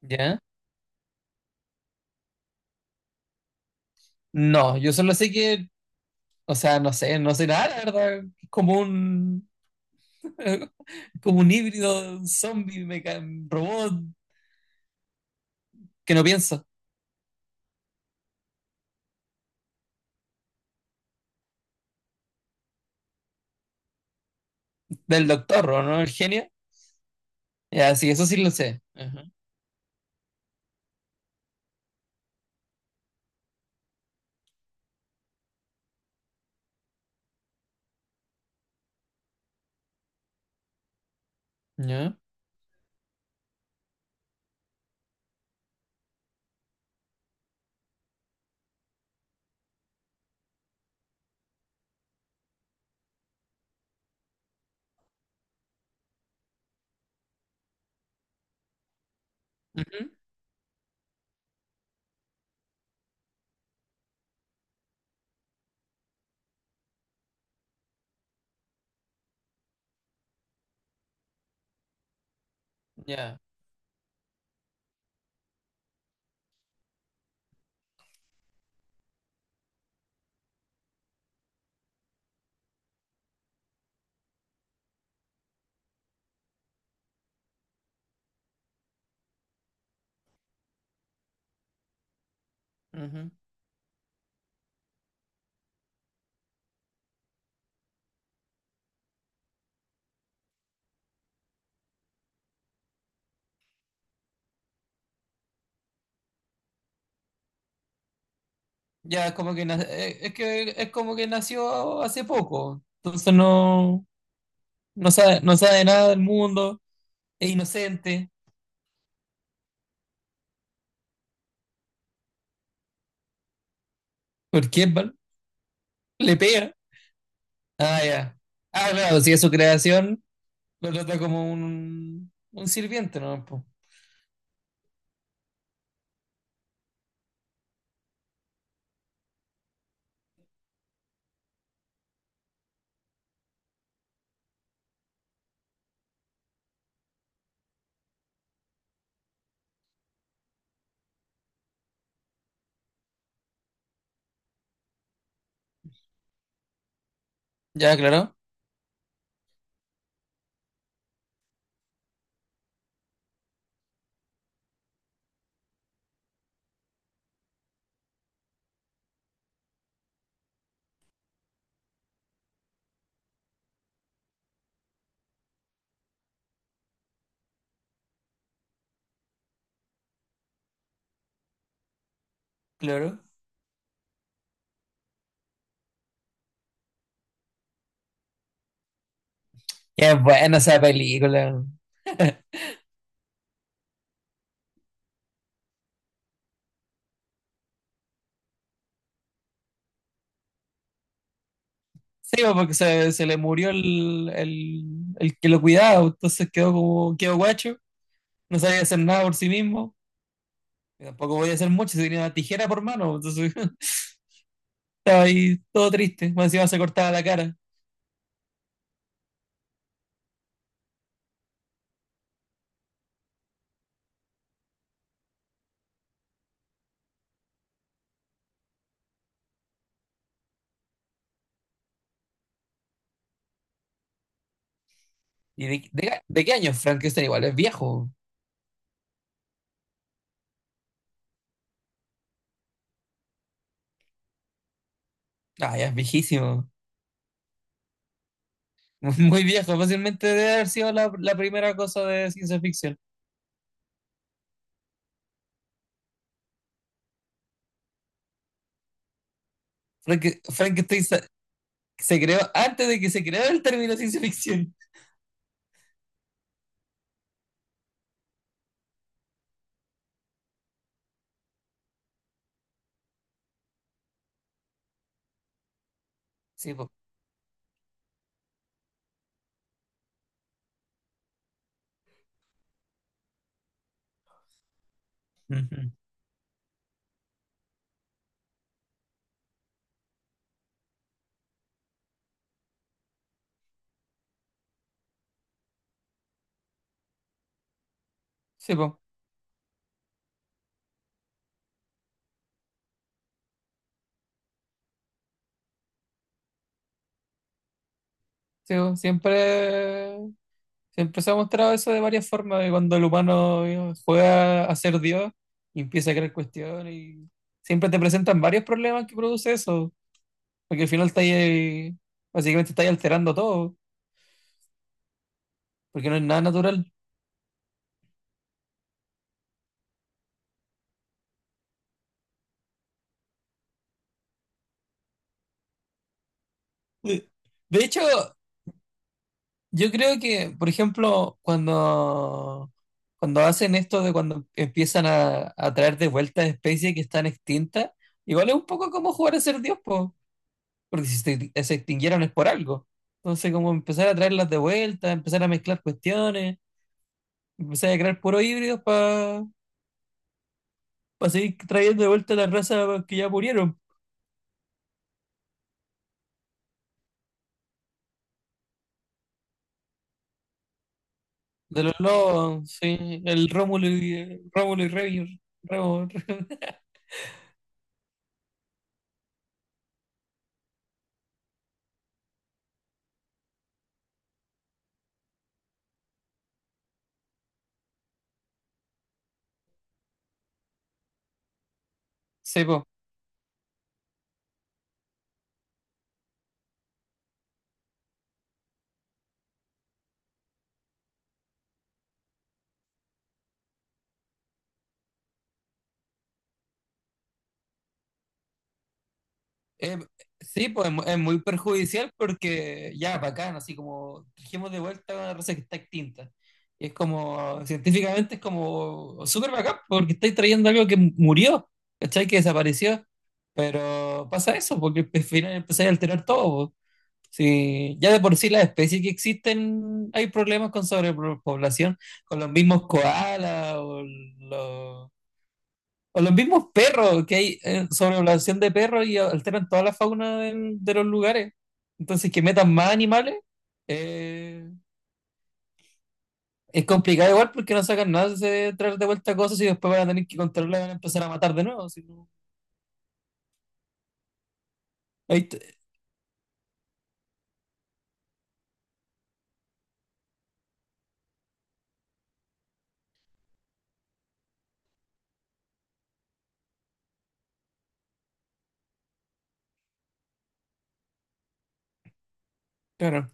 ¿Ya? No, yo solo sé que, o sea, no sé, no sé nada, la verdad. Es como un, como un híbrido zombie, robot que no piensa. Del doctor, ¿o ¿no? El genio. Ya, sí, eso sí lo sé. Ajá. ¿Ya? Ujú. Ya. Ujú. Ya, es como que, es que es como que nació hace poco. Entonces no, no sabe nada del mundo. Es inocente. ¿Por qué? ¿Vale? Le pega. Ah, ya. Ah, claro, si es su creación. Lo trata como un sirviente, ¿no? Po. Ya, claro, claro. Qué es buena esa película. Sí, po, porque se le murió el que lo cuidaba, entonces quedó como, quedó guacho, no sabía hacer nada por sí mismo, y tampoco podía hacer mucho, se tenía una tijera por mano, entonces estaba ahí todo triste, más encima se cortaba la cara. ¿Y de qué año es Frankenstein? Igual es viejo. Ah, ya es viejísimo. Muy viejo, fácilmente debe haber sido la, la primera cosa de ciencia ficción. Frankenstein se creó antes de que se creara el término ciencia ficción. Sí, po. Ujú. Sí, po. Sí, po. Siempre, siempre se ha mostrado eso de varias formas, de cuando el humano juega a ser Dios y empieza a crear cuestiones y siempre te presentan varios problemas que produce eso, porque al final está ahí, básicamente está ahí alterando todo, porque no es nada natural. De de hecho, yo creo que, por ejemplo, cuando, cuando hacen esto de cuando empiezan a traer de vuelta especies que están extintas, igual es un poco como jugar a ser Dios, po, porque si se, se extinguieron es por algo. Entonces, como empezar a traerlas de vuelta, empezar a mezclar cuestiones, empezar a crear puros híbridos para seguir trayendo de vuelta las razas que ya murieron. De los lobos, sí, Rómulo y Remo, Remo. Sí, po. Eh, sí, pues es, es muy perjudicial porque ya, bacán, así como trajimos de vuelta una raza que está extinta. Y es como, científicamente es como súper bacán porque estáis trayendo algo que murió, ¿cachai? Que desapareció. Pero pasa eso, porque al final empezáis a alterar todo, po. Sí, ya de por sí las especies que existen, hay problemas con sobrepoblación, con los mismos koalas los o los mismos perros, que hay sobrepoblación de perros y alteran toda la fauna de los lugares. Entonces, que metan más animales, eh, es complicado igual porque no sacan nada de traer de vuelta cosas y después van a tener que controlarla y van a empezar a matar de nuevo. Si Ahí te- Claro,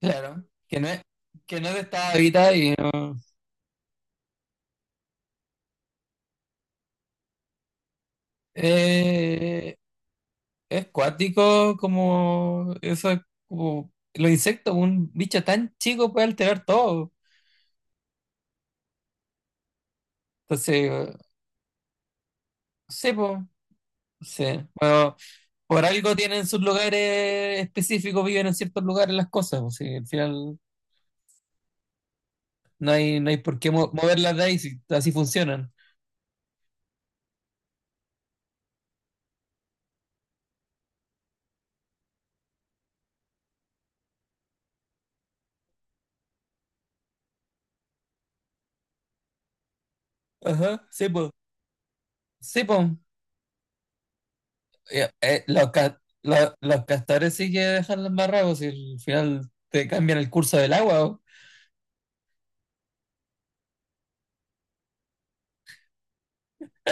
claro. Que no es de esta vida y no. Eh, es cuático como eso es como los insectos, un bicho tan chico puede alterar todo. Entonces, sí, sí, pero por algo tienen sus lugares específicos, viven en ciertos lugares las cosas, pues, sí, al final no hay, no hay por qué moverlas de ahí si así funcionan. Ajá, sí, pues. Sí, pues. Ya, los, los castores sí que dejan las barracos y al final te cambian el curso del agua, po.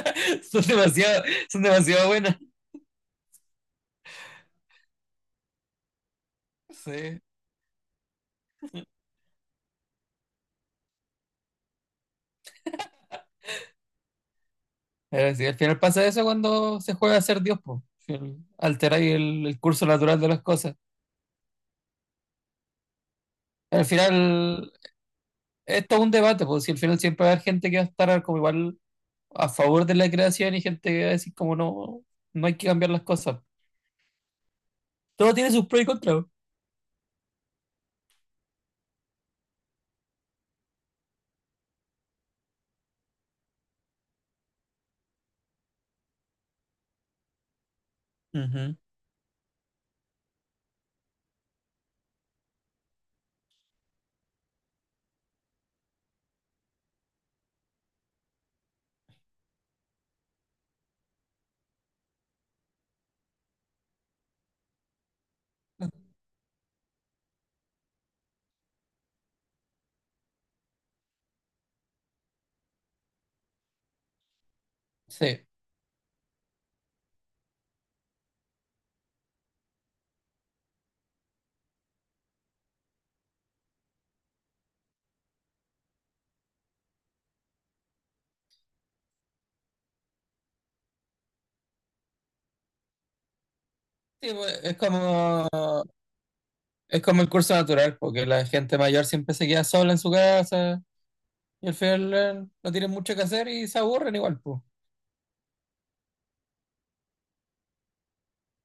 Son demasiado, son demasiado buenas. Sí. Pero sí, al final pasa eso cuando se juega a ser Dios, pues. Alterar el curso natural de las cosas. Al final, esto es un debate, porque si al final siempre va a haber gente que va a estar como igual a favor de la creación y gente que va a decir como no, no hay que cambiar las cosas. Todo tiene sus pros y contras. Ujú. Sí. Sí, pues, es como el curso natural, porque la gente mayor siempre se queda sola en su casa y al final no tienen mucho que hacer y se aburren igual, pues.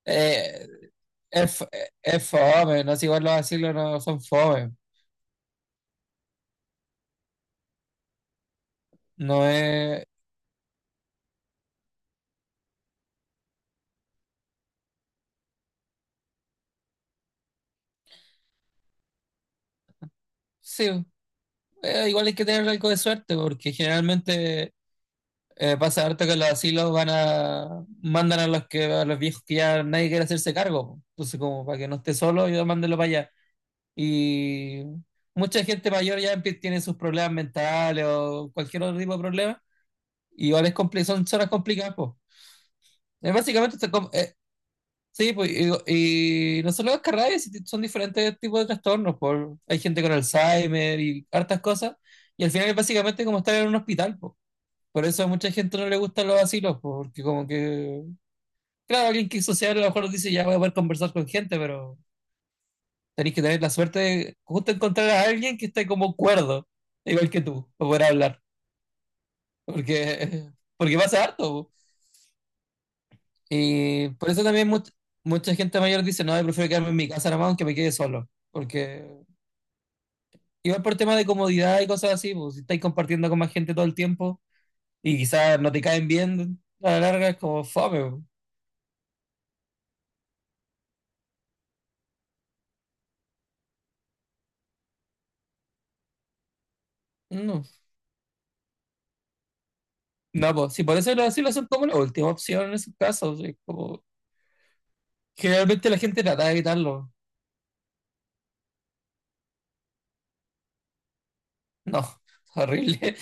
Eh, es, es fome, no es igual los asilos no son fome. No es. Sí, igual hay que tener algo de suerte, porque generalmente eh, pasa harto que los asilos van a mandan a los que a los viejos que ya nadie quiere hacerse cargo, po. Entonces, como para que no esté solo, yo mándenlo para allá. Y mucha gente mayor ya tiene sus problemas mentales o cualquier otro tipo de problema. Y igual es son zonas complicadas, pues. Básicamente, está sí, pues, y no solo las carreras, son diferentes tipos de trastornos. Por, hay gente con Alzheimer y hartas cosas. Y al final es básicamente como estar en un hospital, pues. Por eso a mucha gente no le gustan los asilos, po, porque como que claro, alguien que es social a lo mejor dice, ya voy a poder conversar con gente, pero tenés que tener la suerte de justo encontrar a alguien que esté como cuerdo, igual que tú, para poder hablar. Porque, porque pasa harto, po. Y por eso también mucha gente mayor dice, no, yo prefiero quedarme en mi casa nomás aunque me quede solo. Porque igual por tema de comodidad y cosas así, pues si estáis compartiendo con más gente todo el tiempo y quizás no te caen bien, a la larga es como fome, po. No. No, pues si por eso lo, así lo hacen como la última opción en esos casos, es como generalmente la gente trata de evitarlo. No, es horrible.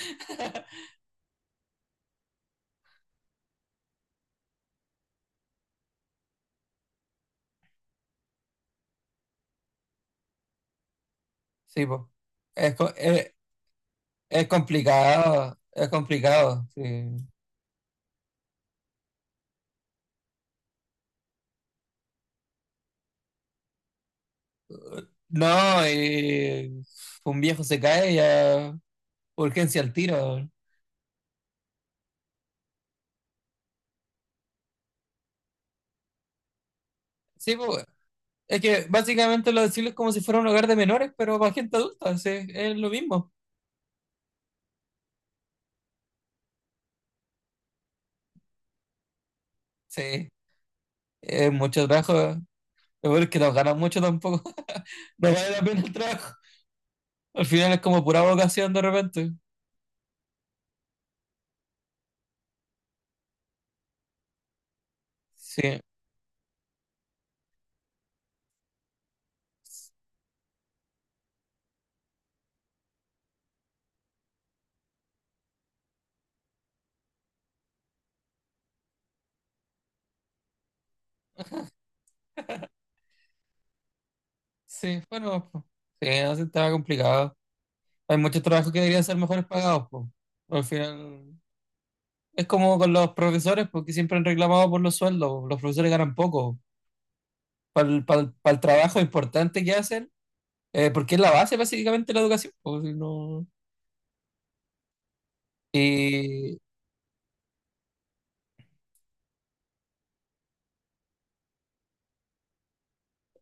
Sí, po. Es, es complicado, es complicado, sí. No, y un viejo se cae y a urgencia al tiro. Sí, po. Es que básicamente los asilos es como si fuera un hogar de menores, pero para gente adulta, sí, es lo mismo. Sí, es mucho trabajo. Lo peor es bueno que no ganan mucho tampoco. No vale la pena el trabajo. Al final es como pura vocación de repente. Sí. Sí, bueno, pues, sí, no, sí, estaba complicado. Hay muchos trabajos que deberían ser mejores pagados, pues. Al final, es como con los profesores, porque siempre han reclamado por los sueldos. Los profesores ganan poco. Para el, para el trabajo importante que hacen, porque es la base básicamente de la educación, po, y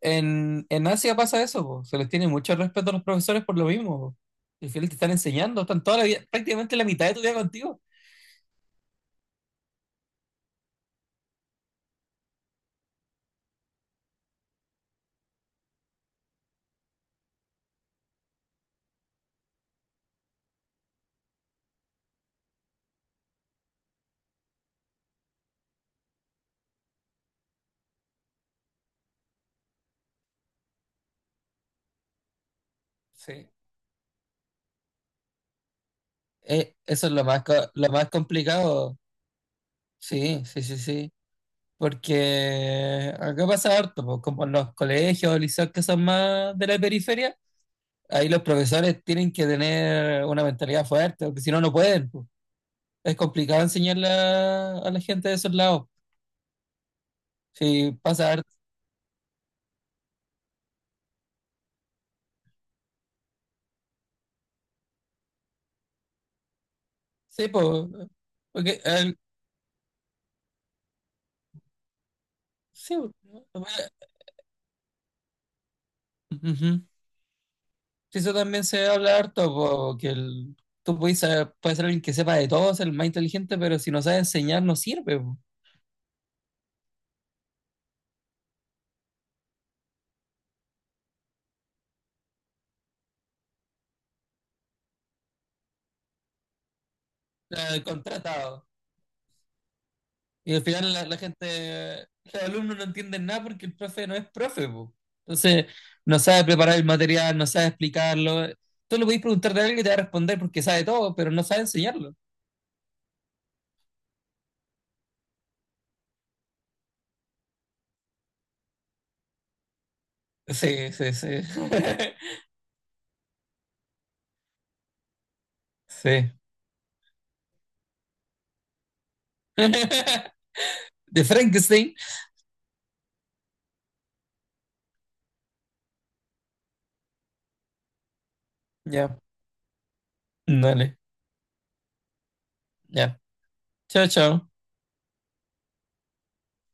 en Asia pasa eso, po, se les tiene mucho respeto a los profesores por lo mismo, po. Al final te están enseñando, están toda la vida, prácticamente la mitad de tu vida contigo. Sí. Eso es lo más, lo más complicado. Sí, sí. Porque acá pasa harto, pues, como en los colegios o liceos que son más de la periferia, ahí los profesores tienen que tener una mentalidad fuerte, porque si no, no pueden, pues. Es complicado enseñarle a la gente de esos lados. Sí, pasa harto. Sí, pues. Porque, sí, pues, ujú. Sí, eso también se habla harto, po, tú puedes ser alguien que sepa de todo, ser el más inteligente, pero si no sabes enseñar, no sirve, po. O sea, contratado. Y al final la, la gente, los alumnos no entienden nada porque el profe no es profe, po. Entonces, no sabe preparar el material, no sabe explicarlo. Tú le podés preguntar de alguien que te va a responder porque sabe todo, pero no sabe enseñarlo. Sí, sí. Sí. De Frankenstein. Ya, dale. Ya. Chao, chao.